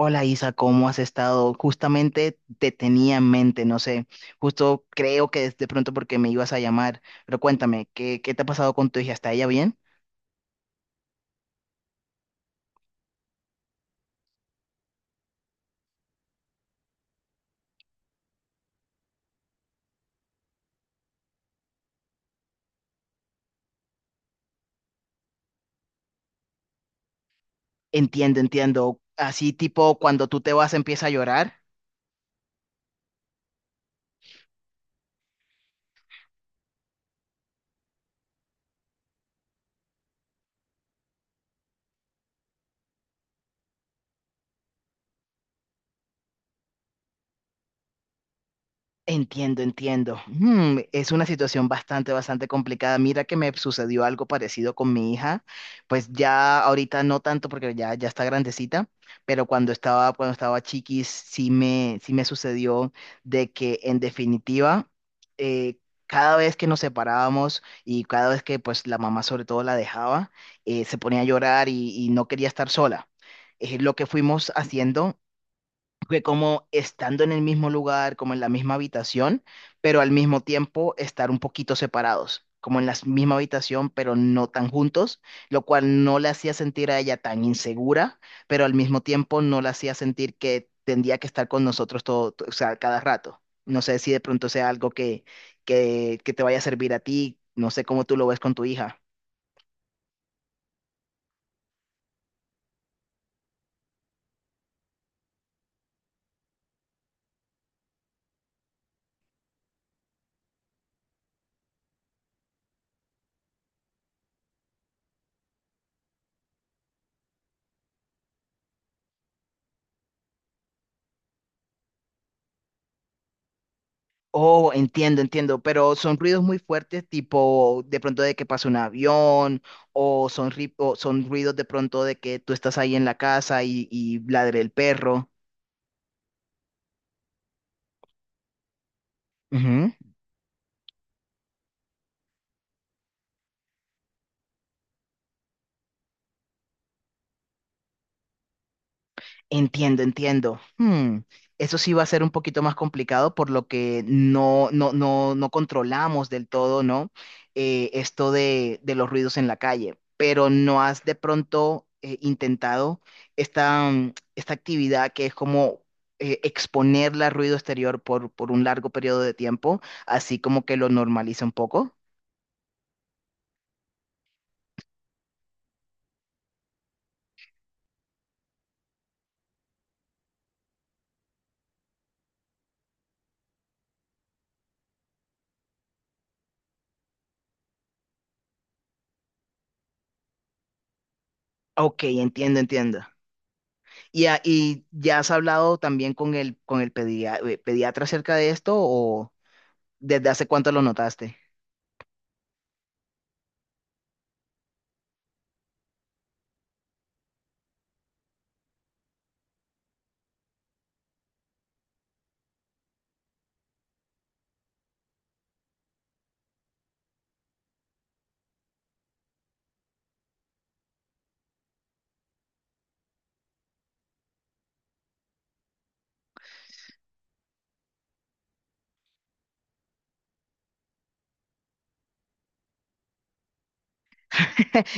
Hola Isa, ¿cómo has estado? Justamente te tenía en mente, no sé, justo creo que de pronto porque me ibas a llamar, pero cuéntame, ¿qué te ha pasado con tu hija? ¿Está ella bien? Entiendo, entiendo. Así tipo cuando tú te vas empieza a llorar. Entiendo, entiendo. Mm, es una situación bastante complicada. Mira que me sucedió algo parecido con mi hija. Pues ya ahorita no tanto porque ya está grandecita, pero cuando estaba chiquis, sí me sucedió de que en definitiva, eh, cada vez que nos separábamos y cada vez que pues la mamá sobre todo la dejaba, se ponía a llorar y no quería estar sola. Lo que fuimos haciendo que como estando en el mismo lugar, como en la misma habitación, pero al mismo tiempo estar un poquito separados, como en la misma habitación, pero no tan juntos, lo cual no le hacía sentir a ella tan insegura, pero al mismo tiempo no la hacía sentir que tendría que estar con nosotros todo, o sea, cada rato. No sé si de pronto sea algo que te vaya a servir a ti, no sé cómo tú lo ves con tu hija. Oh, entiendo, entiendo, pero son ruidos muy fuertes, tipo de pronto de que pasa un avión, o son, o son ruidos de pronto de que tú estás ahí en la casa y ladre el perro. Ujú. Entiendo, entiendo. Hmm, eso sí va a ser un poquito más complicado por lo que no controlamos del todo, ¿no? Esto de los ruidos en la calle. Pero ¿no has de pronto intentado esta, esta actividad que es como exponerla al ruido exterior por un largo periodo de tiempo, así como que lo normaliza un poco? Ok, entiendo, entiendo. Y, y ya has hablado también con el pediatra acerca de esto o... ¿Desde hace cuánto lo notaste?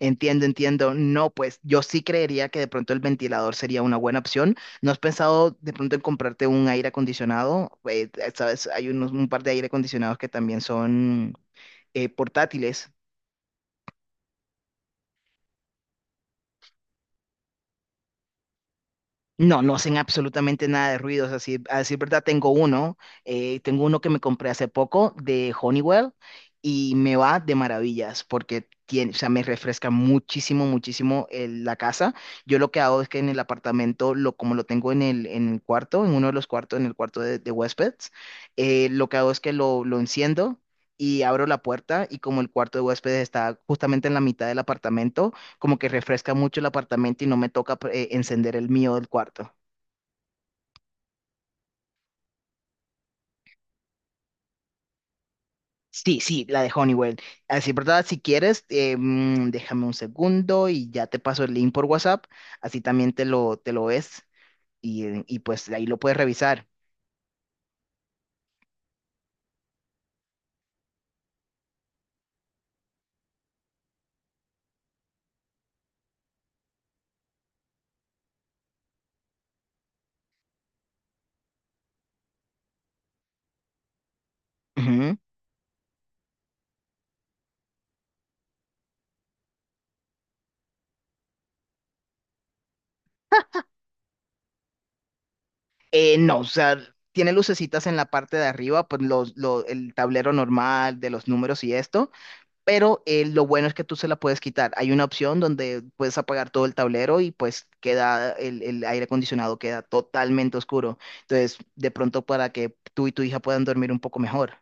Entiendo, entiendo. No, pues yo sí creería que de pronto el ventilador sería una buena opción. ¿No has pensado de pronto en comprarte un aire acondicionado? Sabes, hay unos, un par de aire acondicionados que también son portátiles. No, no hacen absolutamente nada de ruidos. Así, a decir verdad, tengo uno. Tengo uno que me compré hace poco de Honeywell y me va de maravillas porque tiene, o sea, me refresca muchísimo, muchísimo la casa. Yo lo que hago es que en el apartamento, lo, como lo tengo en el cuarto, en uno de los cuartos, en el cuarto de huéspedes, lo que hago es que lo enciendo. Y abro la puerta y como el cuarto de huéspedes está justamente en la mitad del apartamento, como que refresca mucho el apartamento y no me toca encender el mío del cuarto. Sí, sí, la de Honeywell. Así, ¿verdad? Si quieres, déjame un segundo y ya te paso el link por WhatsApp. Así también te lo ves y pues ahí lo puedes revisar. Ujú. No, o sea, tiene lucecitas en la parte de arriba, pues los, el tablero normal de los números y esto. Pero lo bueno es que tú se la puedes quitar. Hay una opción donde puedes apagar todo el tablero y pues queda el aire acondicionado, queda totalmente oscuro. Entonces, de pronto para que tú y tu hija puedan dormir un poco mejor.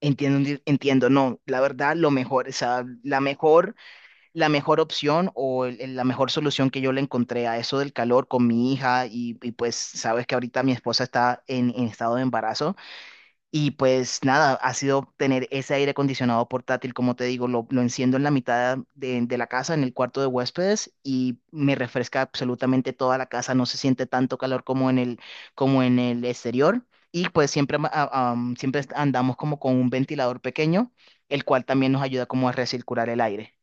Entiendo, entiendo, no, la verdad, lo mejor, o sea, la mejor opción o la mejor solución que yo le encontré a eso del calor con mi hija y, pues sabes que ahorita mi esposa está en estado de embarazo. Y pues nada, ha sido tener ese aire acondicionado portátil, como te digo, lo enciendo en la mitad de la casa, en el cuarto de huéspedes, y me refresca absolutamente toda la casa, no se siente tanto calor como en como en el exterior. Y pues siempre, siempre andamos como con un ventilador pequeño, el cual también nos ayuda como a recircular el aire.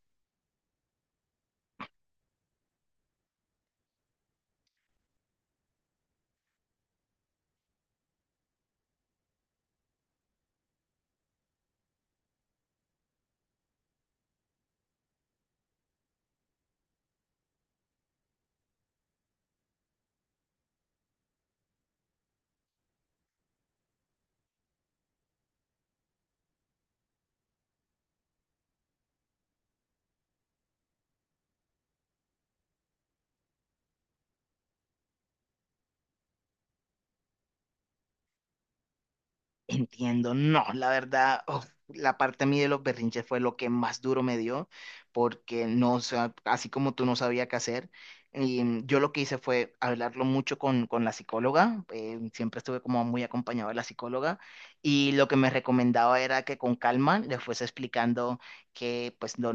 Entiendo, no, la verdad, uf, la parte a mí de los berrinches fue lo que más duro me dio, porque no, o sea, así como tú no sabía qué hacer, y yo lo que hice fue hablarlo mucho con la psicóloga, siempre estuve como muy acompañado de la psicóloga, y lo que me recomendaba era que con calma le fuese explicando que pues lo,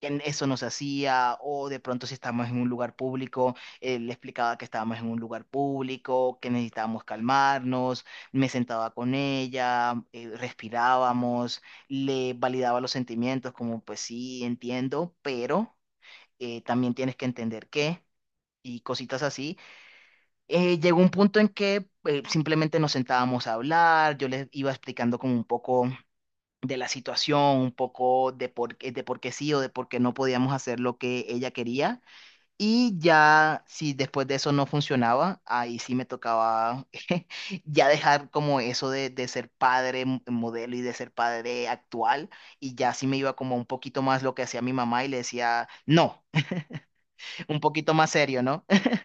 que eso no se hacía, o de pronto si estábamos en un lugar público, le explicaba que estábamos en un lugar público, que necesitábamos calmarnos. Me sentaba con ella, respirábamos, le validaba los sentimientos, como pues sí, entiendo, pero también tienes que entender qué y cositas así. Llegó un punto en que simplemente nos sentábamos a hablar, yo les iba explicando como un poco de la situación, un poco de por, de por qué sí o de por qué no podíamos hacer lo que ella quería. Y ya, si después de eso no funcionaba, ahí sí me tocaba ya dejar como eso de ser padre modelo y de ser padre actual. Y ya sí me iba como un poquito más lo que hacía mi mamá y le decía, no, un poquito más serio, ¿no?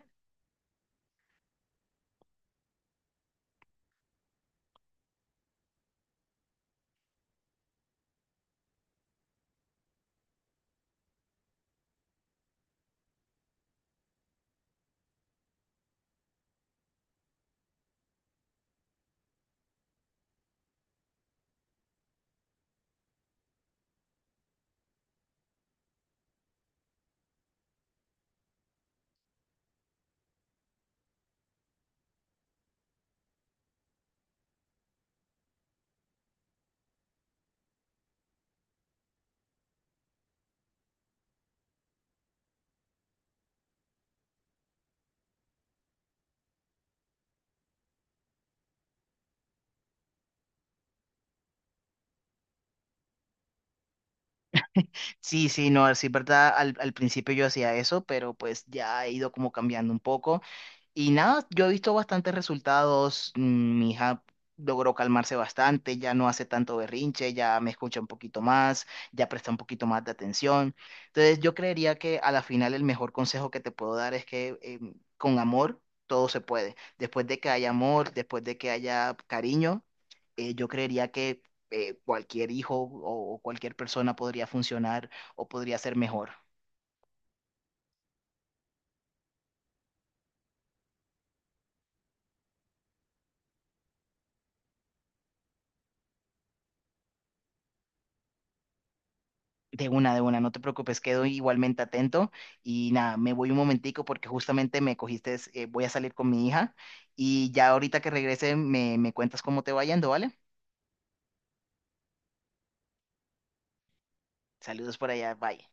Sí, sí, no, sí, verdad, al principio yo hacía eso, pero pues ya he ido como cambiando un poco. Y nada, yo he visto bastantes resultados, mi hija logró calmarse bastante, ya no hace tanto berrinche, ya me escucha un poquito más, ya presta un poquito más de atención. Entonces yo creería que a la final el mejor consejo que te puedo dar es que con amor todo se puede. Después de que haya amor, después de que haya cariño, yo creería que cualquier hijo o cualquier persona podría funcionar o podría ser mejor. De una, no te preocupes, quedo igualmente atento y nada, me voy un momentico porque justamente me cogiste, voy a salir con mi hija y ya ahorita que regrese me cuentas cómo te va yendo, ¿vale? Saludos por allá, bye.